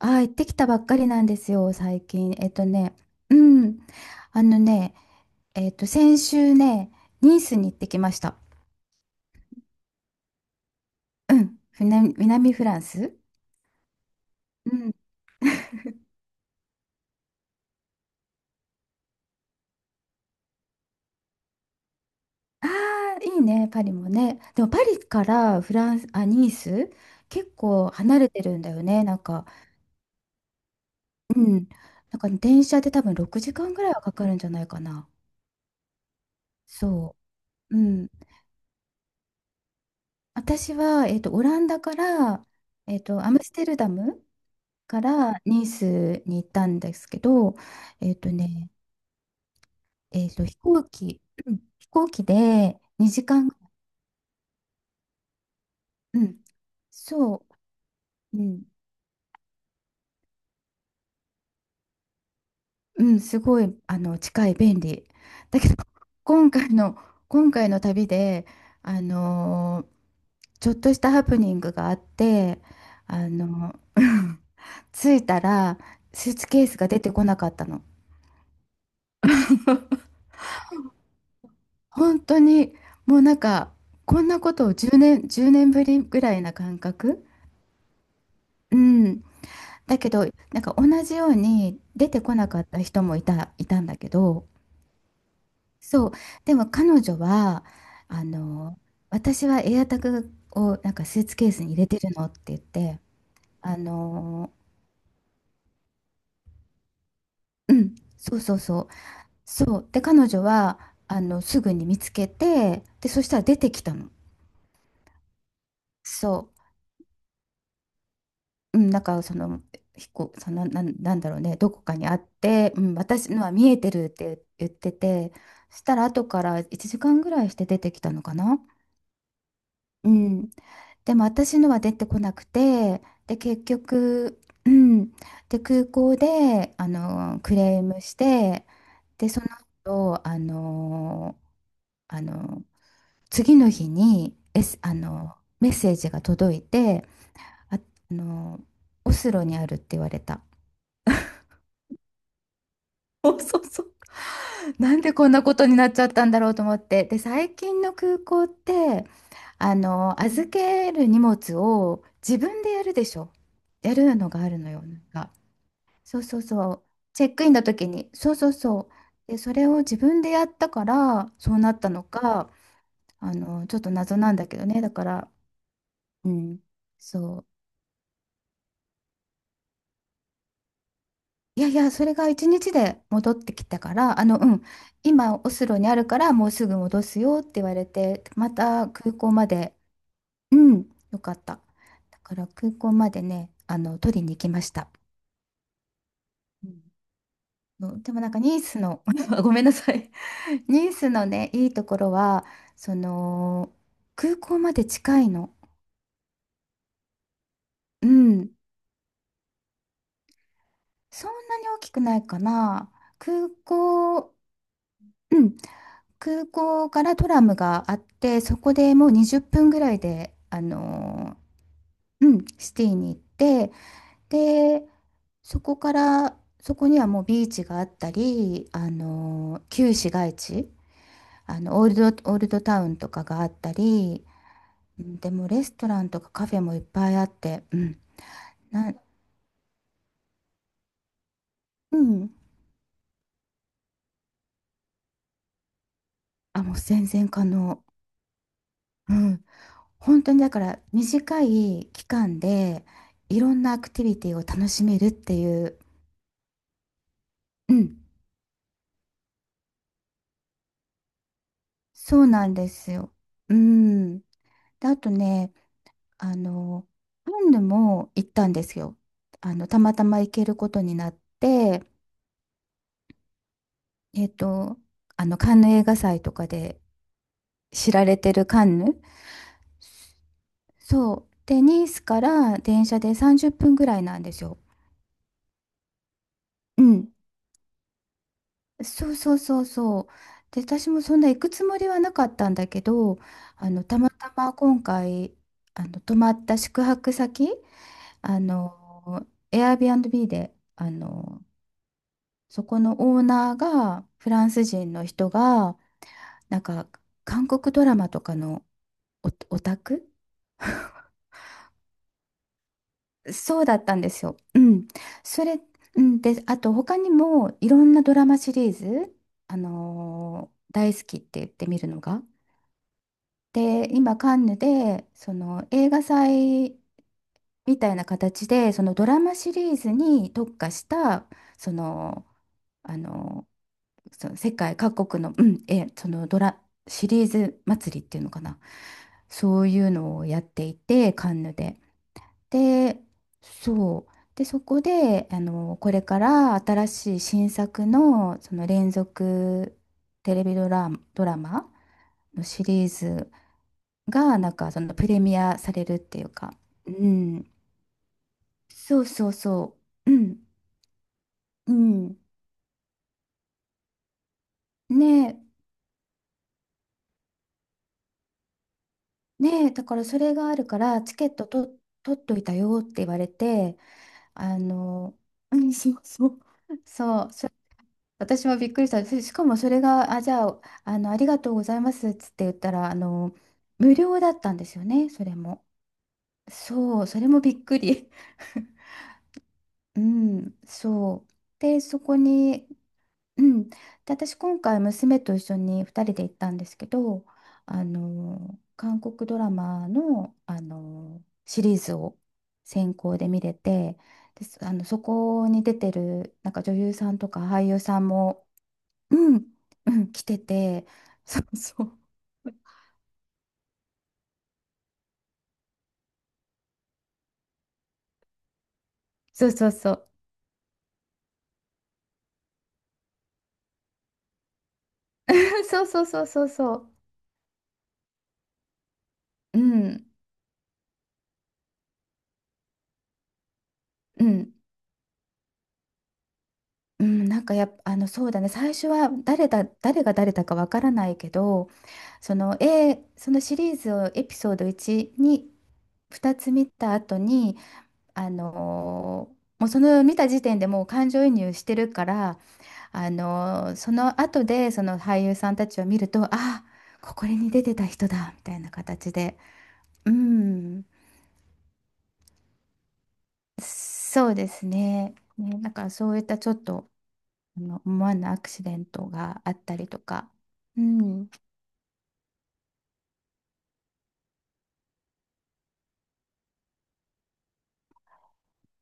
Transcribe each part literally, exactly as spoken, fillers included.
あ、行ってきたばっかりなんですよ、最近。えっとね、うん。あのね、えっと、先週ね、ニースに行ってきました。うん。南、南フランス。うん。ああ、いいね、パリもね。でもパリからフランス、あ、ニース、結構離れてるんだよね、なんか。うん。なんか電車で多分ろくじかんぐらいはかかるんじゃないかな。そう。うん。私は、えっと、オランダから、えっと、アムステルダムからニースに行ったんですけど、えっとね、えっと、飛行機、うん飛行機でにじかん、うん、そう、うん、うん、すごい、あの、近い、便利。だけど、今回の、今回の旅で、あのーちょっとしたハプニングがあって、あの、着いたら、スーツケースが出てこなかったの。本当にもうなんかこんなことをじゅうねん、いちねんぶりぐらいな感覚、うん、だけどなんか同じように出てこなかった人もいた、いたんだけど、そう。でも彼女はあの私はエアタグをなんかスーツケースに入れてるのって言って、あのうん、そうそうそうそうで、彼女はあのすぐに見つけて、でそしたら出てきたの。そう。うん、なんかその飛行そのなん、なんだろうね、どこかにあって、うん、私のは見えてるって言ってて、そしたら後からいちじかんぐらいして出てきたのかな、うん、でも私のは出てこなくて、で結局、うん、で空港であのクレームして、でその後あのあの次の日に、S、あのメッセージが届いて、あ、あのオスロにあるって言われた。そうそうそう。なんでこんなことになっちゃったんだろうと思って。で、最近の空港って、あの、預ける荷物を自分でやるでしょ。やるのがあるのよ。なんか、そうそうそう。チェックインの時に。そうそうそう。で、それを自分でやったから、そうなったのか、あの、ちょっと謎なんだけどね。だから、うん。そう。いやいや、それが一日で戻ってきたから、あの、うん、今、オスロにあるから、もうすぐ戻すよって言われて、また空港まで、うん、よかった。だから空港までね、あの、取りに行きました。うん。でもなんかニースの、ごめんなさい。ニースのね、いいところは、その、空港まで近いの。うん、そんなに大きくないかな。空港、うん空港からトラムがあって、そこでもうにじゅっぷんぐらいで、あのーうん、シティに行って、で、そこから、そこにはもうビーチがあったり、あのー旧市街地、あの、オールド、オールドタウンとかがあったり、うん。でもレストランとかカフェもいっぱいあって、うん、な、うん、あ、もう全然可能。うん、本当にだから短い期間で、いろんなアクティビティを楽しめるっていう、うん、そうなんですよ。うん。で、あとね、あの、カンヌも行ったんですよ。あの、たまたま行けることになって、えっと、あの、カンヌ映画祭とかで知られてるカンヌ。そう。で、ニースから電車でさんじゅっぷんぐらいなんですよ。うん。そうそうそうそう。で、私もそんな行くつもりはなかったんだけど、あの、たまたま今回、あの、泊まった宿泊先、あの、Airbnb で、あの、そこのオーナーが、フランス人の人が、なんか、韓国ドラマとかのオ、オタクそうだったんですよ。うん。それ、うん、で、あと、他にも、いろんなドラマシリーズ、あの、大好きって言ってみるのが。で、今、カンヌで、その、映画祭みたいな形で、そのドラマシリーズに特化した、その、あのその世界各国の、うん、え、そのドラ、シリーズ祭りっていうのかな。そういうのをやっていて、カンヌで。で、そう。で、そこで、あの、これから新しい新作の、その連続テレビドラ、ドラマのシリーズが、なんか、そのプレミアされるっていうか、うん。そうそうそう。うん。うん。ねねえ、だからそれがあるから、チケットと取っといたよって言われて、あの、うん、そうそう。そう、そ私もびっくりした。ししかもそれが、あ、じゃあ、あの、ありがとうございますっつって言ったら、あの、無料だったんですよね、それも。そう、それもびっくり。うん、そう。で、そこに、うん、で私今回娘と一緒にふたりで行ったんですけど、あの韓国ドラマの、あのシリーズを先行で見れて、です、あのそこに出てるなんか女優さんとか俳優さんも、うん、うん、来てて、そうそうそうそうそう。 そうそうそうそうそう。うん、うんうん、なんかやっぱ、あの、そうだね、最初は誰だ、誰が誰だかわからないけど、その、A、そのシリーズをエピソードワンにふたつ見た後に、あのーもうその見た時点でもう感情移入してるから、あのーその後でその俳優さんたちを見ると、あ、ここに出てた人だ、みたいな形で。うん、そうですね。ね、なんかそういったちょっと、あの、思わぬアクシデントがあったりとか。うん。う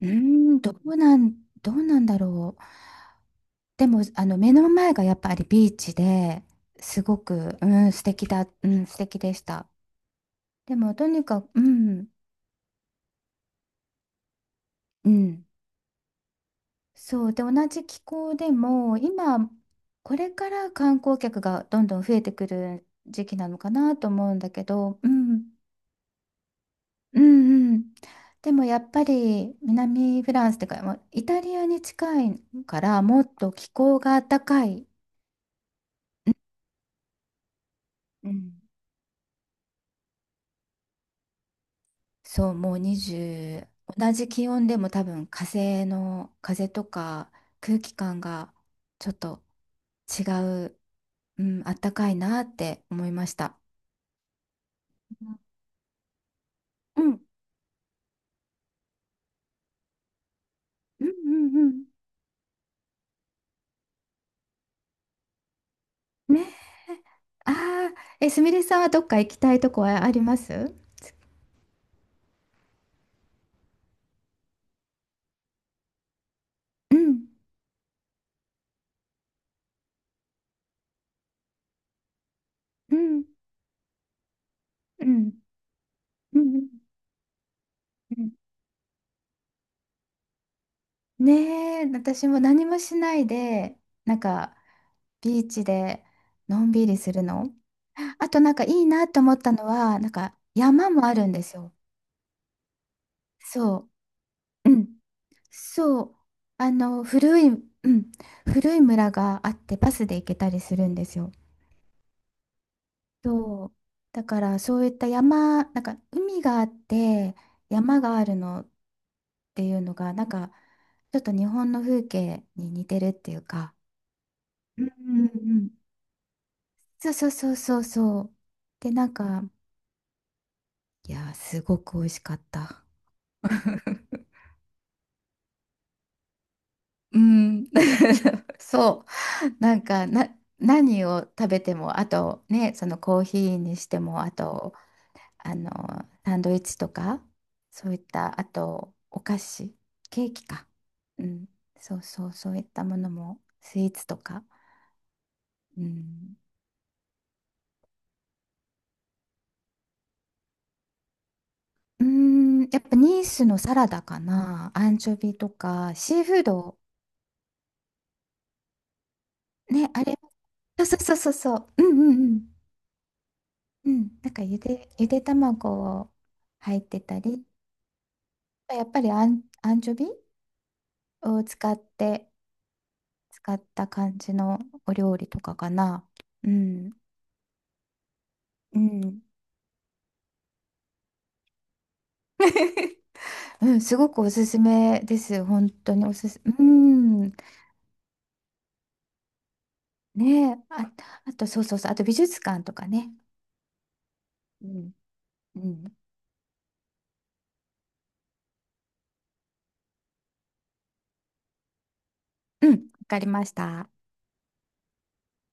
ーん、どうなん、どうなんだろう。でも、あの、目の前がやっぱりビーチで、すごく、うん、素敵だ、うん、素敵でした。でも、とにかく、うん、うん、そう。で、同じ気候でも、今、これから観光客がどんどん増えてくる時期なのかなと思うんだけど、うん、うんうん。でもやっぱり南フランスっていうか、もうイタリアに近いからもっと気候が暖かい。うん。そう、もうにじゅう、同じ気温でも多分風の、風とか空気感がちょっと違う、うん、暖かいなって思いました。うん。うんうんうん。ねえ。ああ、え、すみれさんはどっか行きたいとこはあります？うん。うん。うん。うん。うんうん。ねえ、私も何もしないで、なんか、ビーチでのんびりするの。あとなんかいいなと思ったのは、なんか山もあるんですよ。そう。うん。そう。あの、古い、うん。古い村があってバスで行けたりするんですよ。そう。だからそういった山、なんか海があって山があるのっていうのが、なんかちょっと日本の風景に似てるっていうか、うんうんうん。そうそうそうそうそう。で、なんか、いやー、すごく美味しかった。うん。そう。なんか、な、何を食べても、あとね、そのコーヒーにしても、あと、あの、サンドイッチとか、そういった、あと、お菓子、ケーキか。うん。そうそう、そういったものも、スイーツとか。うん。うーん、やっぱニースのサラダかな。アンチョビとか、シーフード。ね、あれ。そうそうそうそうそう。うんうんうん。うん。なんかゆで、ゆで卵を入ってたり、やっぱりアン、アンチョビを使って、使った感じのお料理とかかな。うん。うん。うん、すごくおすすめです。本当におすす、うん。ねえ、あ、あと、そうそうそう。あと美術館とかね。うん。うん。うん。わかりました。